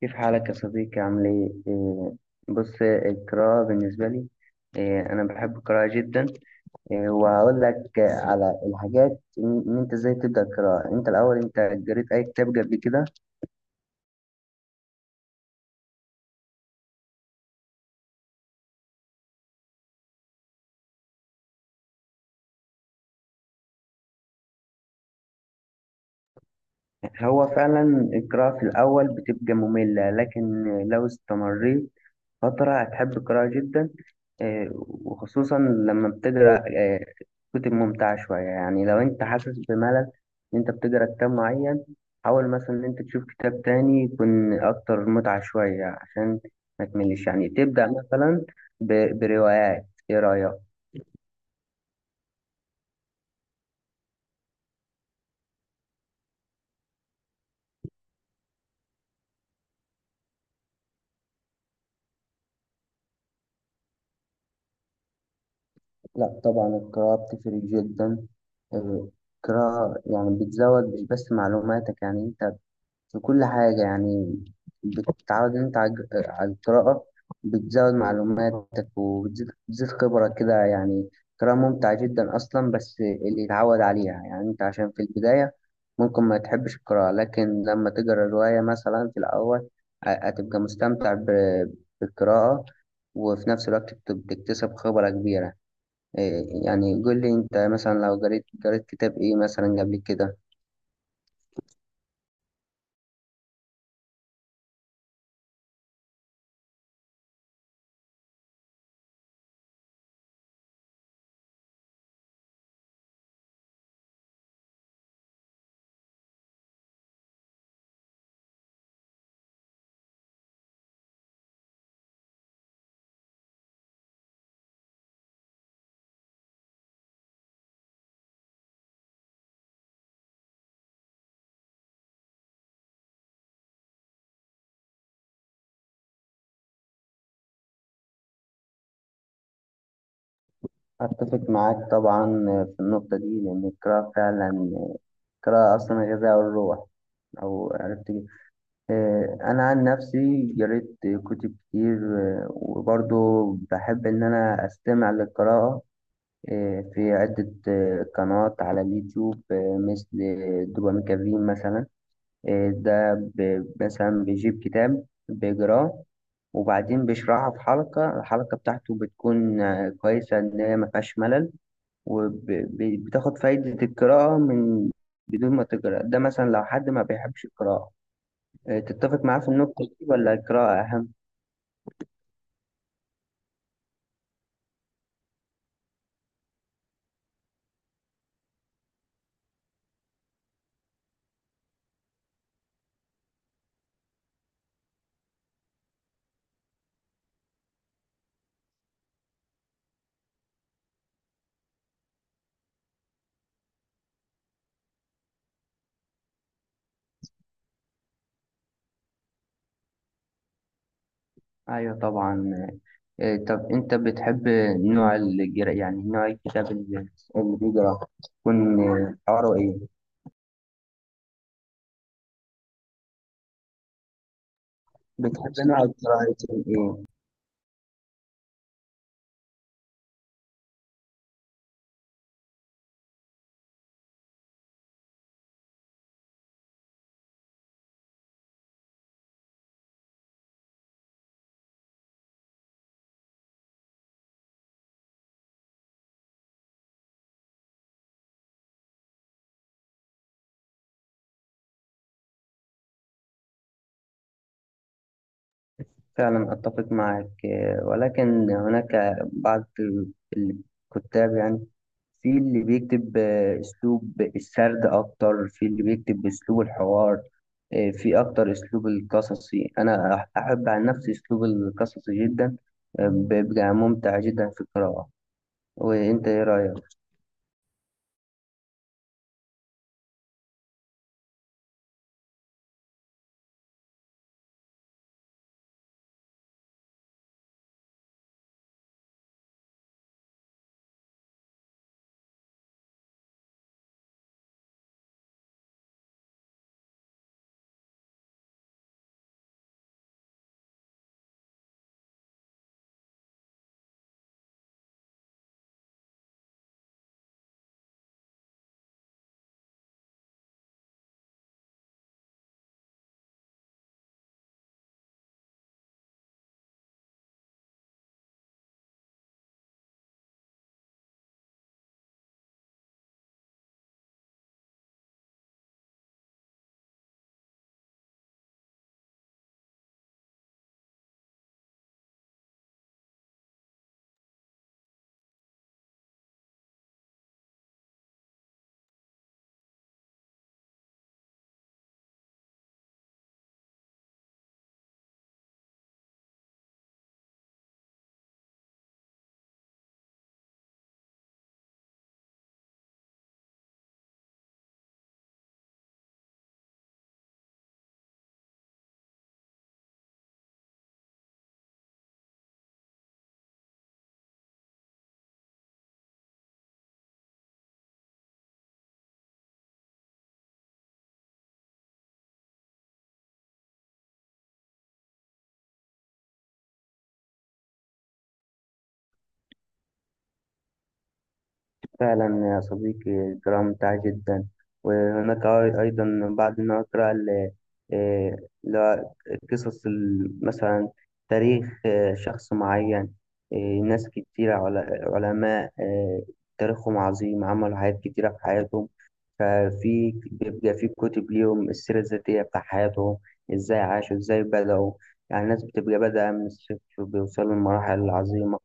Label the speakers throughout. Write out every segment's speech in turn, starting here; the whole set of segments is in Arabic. Speaker 1: كيف حالك يا صديقي، عامل ايه؟ بص، القراءة بالنسبة لي، أنا بحب القراءة جدا. وهقول لك على الحاجات، إن أنت إزاي تبدأ القراءة. أنت الأول، أنت قريت أي كتاب قبل كده؟ هو فعلا القراءة في الأول بتبقى مملة، لكن لو استمريت فترة هتحب القراءة جدا. وخصوصا لما بتقرأ كتب ممتعة شوية. يعني لو أنت حاسس بملل إن أنت بتقرأ كتاب معين، حاول مثلا إن أنت تشوف كتاب تاني يكون أكتر متعة شوية عشان ما تملش. يعني تبدأ مثلا بروايات، إيه رأيك؟ لا طبعا، القراءة بتفرق جدا. آه، القراءة يعني بتزود مش بس معلوماتك، يعني أنت في كل حاجة. يعني بتتعود إن أنت على القراءة. بتزود معلوماتك، وبتزيد خبرك كده يعني. قراءة ممتعة جدا أصلا بس اللي يتعود عليها، يعني أنت عشان في البداية ممكن ما تحبش القراءة، لكن لما تقرأ رواية مثلا في الأول هتبقى مستمتع بالقراءة، وفي نفس الوقت بتكتسب خبرة كبيرة. يعني قول لي أنت مثلا لو قريت كتاب إيه مثلا قبل كده. أتفق معاك طبعا في النقطة دي، لأن القراءة فعلا، القراءة أصلا غذاء الروح، أو عرفت إيه. أنا عن نفسي قريت كتب كتير. وبرضو بحب إن أنا أستمع للقراءة، في عدة قنوات على اليوتيوب، مثل دوبامين كافين مثلا. ده مثلا بيجيب كتاب بيقراه، وبعدين بيشرحه في حلقة. الحلقة بتاعته بتكون كويسة إن هي مفيهاش ملل، وبتاخد فايدة القراءة من بدون ما تقرأ. ده مثلا لو حد ما بيحبش القراءة، تتفق معاه في النقطة دي ولا القراءة أهم؟ أيوة طبعا. طب أنت بتحب نوع القراءة، يعني نوع الكتاب اللي بيقرأ يكون حواره إيه؟ بتحب نوع القراءة يكون إيه؟ فعلا أتفق معك. ولكن هناك بعض الكتاب، يعني في اللي بيكتب أسلوب السرد أكتر، في اللي بيكتب أسلوب الحوار، في أكتر أسلوب القصصي. أنا أحب عن نفسي أسلوب القصصي جدا. بيبقى ممتع جدا في القراءة. وأنت إيه رأيك؟ فعلا يا صديقي، القراءة ممتعة جدا. وهناك أيضا بعد ما أقرأ آه، لا- مثلا تاريخ شخص معين. آه، ناس كتيرة، علماء، تاريخهم عظيم، عملوا حاجات كتيرة في حياتهم. ففي بيبقى في كتب ليهم، السيرة الذاتية بتاع حياتهم، إزاي عاشوا، إزاي بدأوا. يعني الناس بتبقى بادئة من الصفر، بيوصلوا لمراحل عظيمة.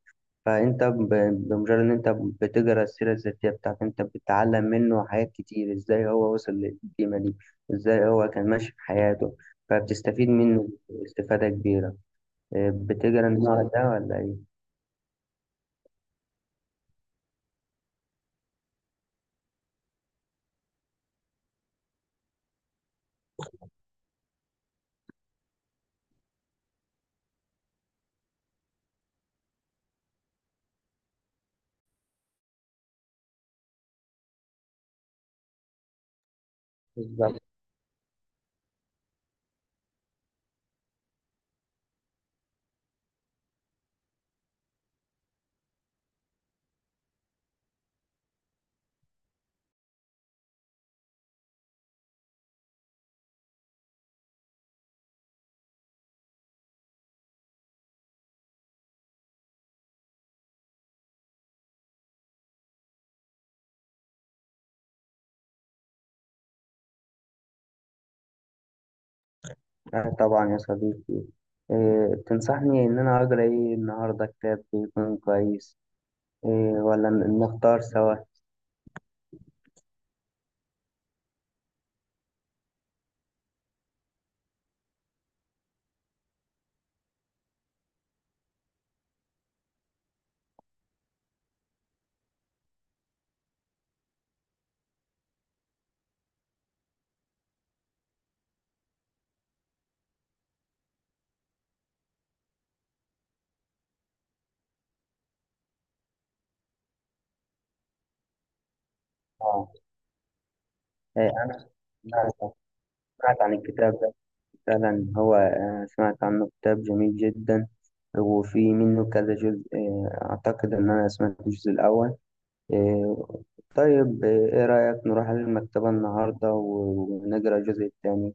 Speaker 1: فانت بمجرد ان انت بتقرا السيره الذاتيه بتاعته، انت بتتعلم منه حاجات كتير، ازاي هو وصل للقيمه دي، ازاي هو كان ماشي في حياته. فبتستفيد منه استفاده كبيره. بتقرا النوع ده ولا ايه؟ بالظبط. آه، طبعا يا صديقي. تنصحني ان انا اقرا ايه النهارده، كتاب يكون كويس؟ إيه ولا نختار سوا؟ اه، انا سمعت سمعت عن الكتاب. فعلا هو، سمعت عنه، كتاب جميل جدا وفي منه كذا جزء. أعتقد إن أنا سمعت الجزء الأول. آه، طيب. إيه رأيك نروح على المكتبة النهاردة ونقرأ الجزء الثاني؟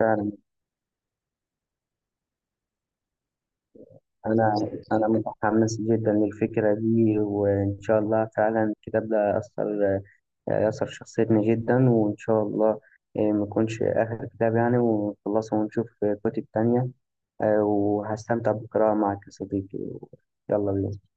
Speaker 1: فعلا، أنا أنا متحمس جدا للفكرة دي، وإن شاء الله فعلا الكتاب ده أثر شخصيتنا جدا. وإن شاء الله ما يكونش آخر كتاب، يعني ونخلصه ونشوف كتب تانية. وهستمتع بالقراءة معك يا صديقي. يلا بينا.